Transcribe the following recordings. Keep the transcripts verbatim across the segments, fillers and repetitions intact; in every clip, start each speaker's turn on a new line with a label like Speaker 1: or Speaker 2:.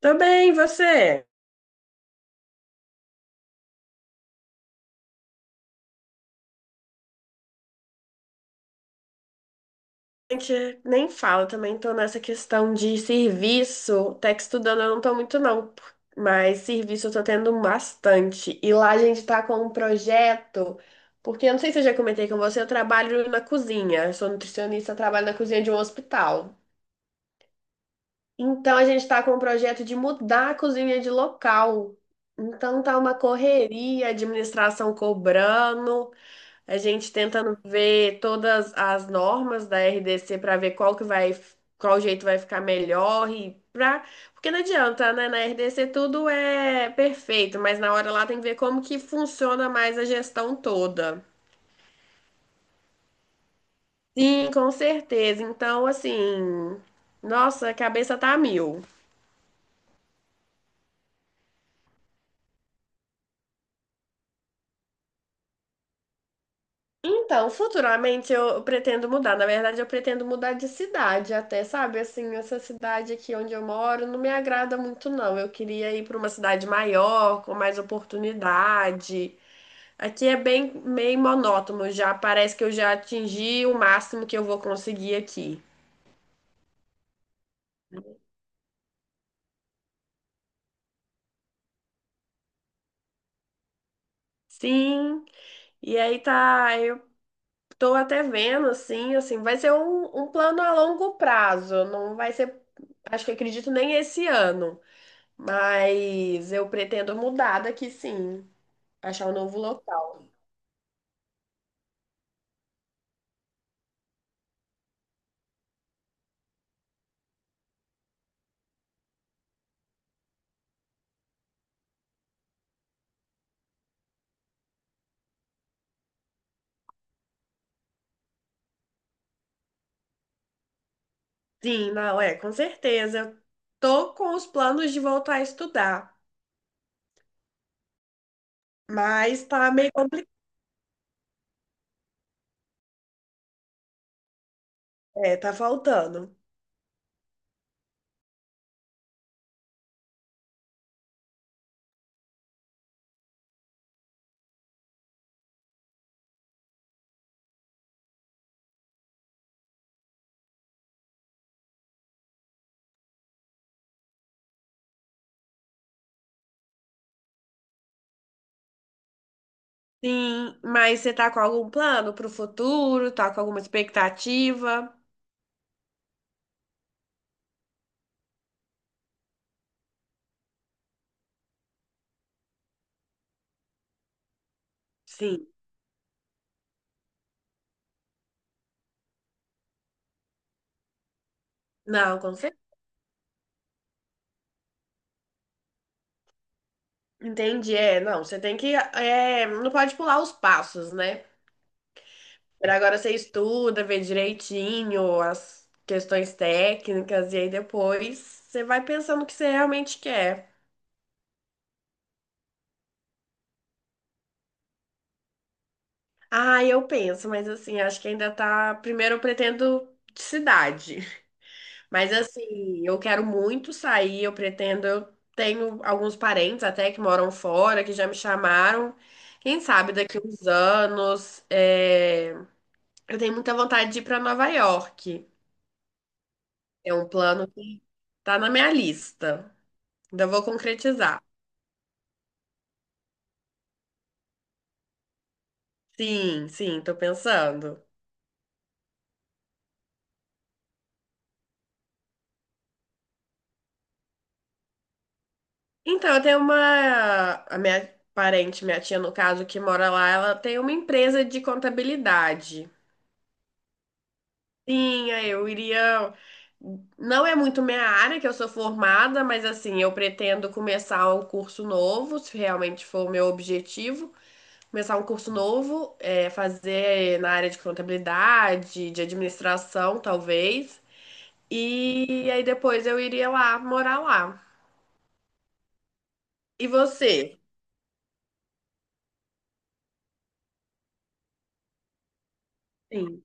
Speaker 1: Tô bem, e você? A gente nem fala, também tô nessa questão de serviço. Até que estudando eu não tô muito, não. Mas serviço eu tô tendo bastante. E lá a gente tá com um projeto, porque eu não sei se eu já comentei com você, eu trabalho na cozinha. Eu sou nutricionista, trabalho na cozinha de um hospital. Então a gente tá com um projeto de mudar a cozinha de local. Então tá uma correria, administração cobrando. A gente tentando ver todas as normas da R D C para ver qual que vai, qual jeito vai ficar melhor e pra, porque não adianta, né? Na R D C tudo é perfeito, mas na hora lá tem que ver como que funciona mais a gestão toda. Sim, com certeza. Então, assim, nossa, a cabeça tá a mil. Então, futuramente eu pretendo mudar. Na verdade, eu pretendo mudar de cidade até, sabe? Assim, essa cidade aqui onde eu moro não me agrada muito, não. Eu queria ir para uma cidade maior, com mais oportunidade. Aqui é bem meio monótono já. Parece que eu já atingi o máximo que eu vou conseguir aqui. Sim. E aí tá, eu tô até vendo, assim, assim, vai ser um, um plano a longo prazo. Não vai ser, acho que acredito nem esse ano. Mas eu pretendo mudar daqui, sim. Achar um novo local. Sim, não, é, com certeza. Eu tô com os planos de voltar a estudar, mas tá meio complicado. É, tá faltando. Sim, mas você tá com algum plano pro futuro? Tá com alguma expectativa? Sim. Não, com certeza. Entendi, é, não, você tem que, é, não pode pular os passos, né? Por agora você estuda, vê direitinho as questões técnicas e aí depois você vai pensando o que você realmente quer. Ah, eu penso, mas assim, acho que ainda tá. Primeiro eu pretendo de cidade, mas assim, eu quero muito sair, eu pretendo. Eu tenho alguns parentes até que moram fora, que já me chamaram. Quem sabe daqui uns anos, é, eu tenho muita vontade de ir para Nova York. É um plano que tá na minha lista. Ainda vou concretizar. Sim, sim, tô pensando. Então, eu tenho uma. A minha parente, minha tia, no caso, que mora lá, ela tem uma empresa de contabilidade. Sim, aí eu iria. Não é muito minha área que eu sou formada, mas assim, eu pretendo começar um curso novo, se realmente for o meu objetivo. Começar um curso novo, é, fazer na área de contabilidade, de administração, talvez. E aí depois eu iria lá, morar lá. E você? Sim.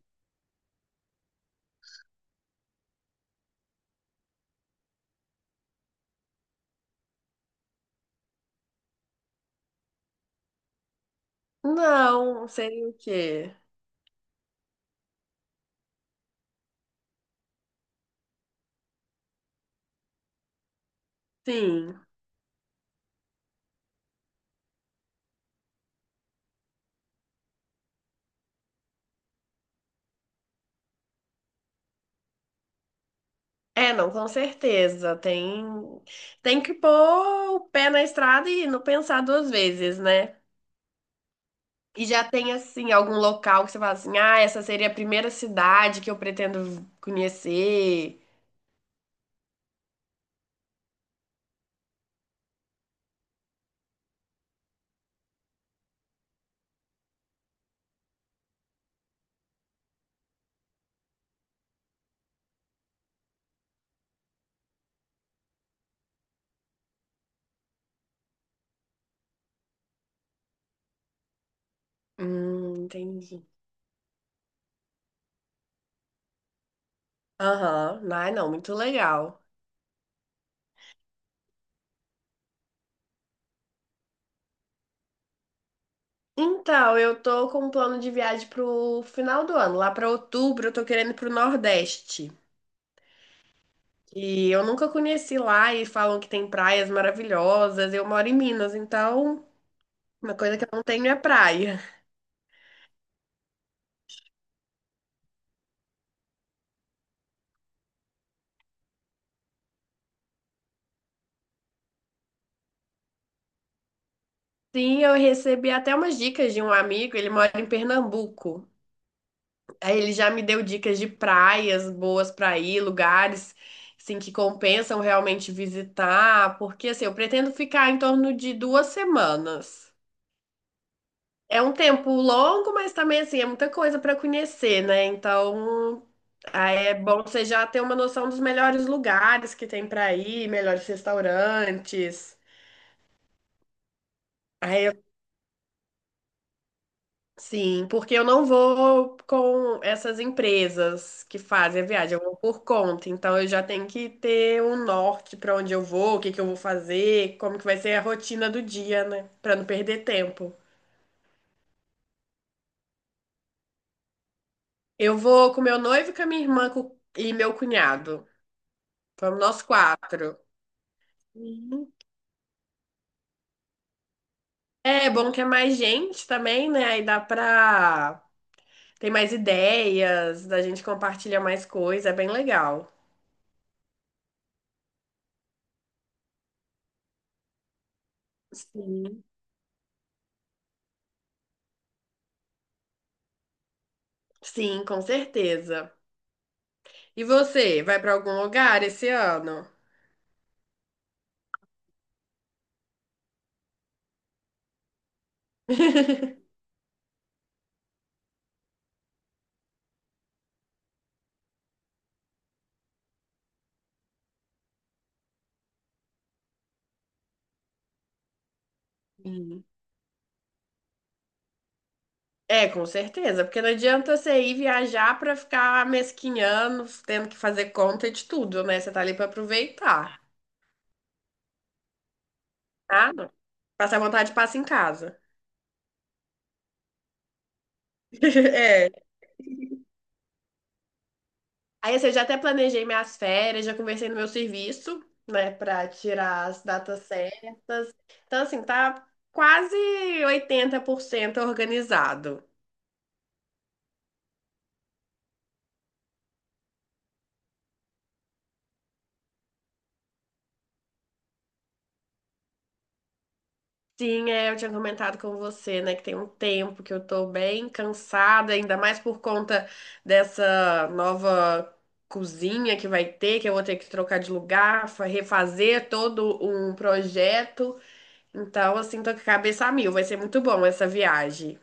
Speaker 1: Não, sei o quê. Sim. É, não, com certeza. Tem, tem que pôr o pé na estrada e não pensar duas vezes, né? E já tem, assim, algum local que você fala assim, ah, essa seria a primeira cidade que eu pretendo conhecer. Hum, entendi. Aham. Ai, não, muito legal. Então, eu tô com um plano de viagem pro final do ano. Lá pra outubro, eu tô querendo ir pro Nordeste. E eu nunca conheci lá e falam que tem praias maravilhosas. Eu moro em Minas, então uma coisa que eu não tenho é praia. Sim, eu recebi até umas dicas de um amigo, ele mora em Pernambuco. Aí ele já me deu dicas de praias boas para ir, lugares assim que compensam realmente visitar, porque assim, eu pretendo ficar em torno de duas semanas. É um tempo longo, mas também assim, é muita coisa para conhecer, né? Então, aí é bom você já ter uma noção dos melhores lugares que tem para ir, melhores restaurantes. Aí, eu- sim, porque eu não vou com essas empresas que fazem a viagem, eu vou por conta. Então, eu já tenho que ter um norte para onde eu vou, o que que eu vou fazer, como que vai ser a rotina do dia, né? Para não perder tempo. Eu vou com meu noivo, com a minha irmã com- e meu cunhado. Vamos nós quatro. Uhum. É bom que é mais gente também, né? Aí dá pra. Tem mais ideias, a gente compartilha mais coisa, é bem legal. Sim. Sim, com certeza. E você, vai pra algum lugar esse ano? Sim. É, com certeza, porque não adianta você ir viajar pra ficar mesquinhando, tendo que fazer conta de tudo, né? Você tá ali pra aproveitar. Ah, não. Passar vontade, passa em casa. É. Aí, assim, eu já até planejei minhas férias, já conversei no meu serviço, né, pra tirar as datas certas. Então, assim, tá quase oitenta por cento organizado. Sim, é, eu tinha comentado com você, né, que tem um tempo que eu tô bem cansada, ainda mais por conta dessa nova cozinha que vai ter, que eu vou ter que trocar de lugar, fa- refazer todo um projeto. Então, assim, tô com a cabeça a mil, vai ser muito bom essa viagem.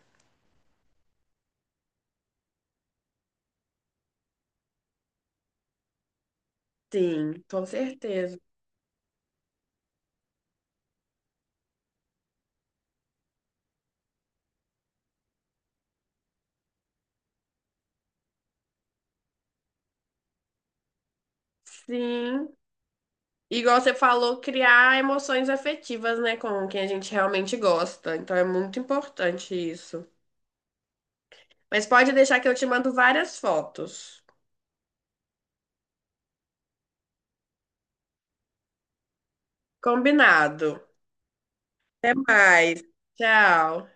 Speaker 1: Sim, com certeza. Sim. Igual você falou, criar emoções afetivas, né, com quem a gente realmente gosta. Então é muito importante isso. Mas pode deixar que eu te mando várias fotos. Combinado. Até mais. Tchau.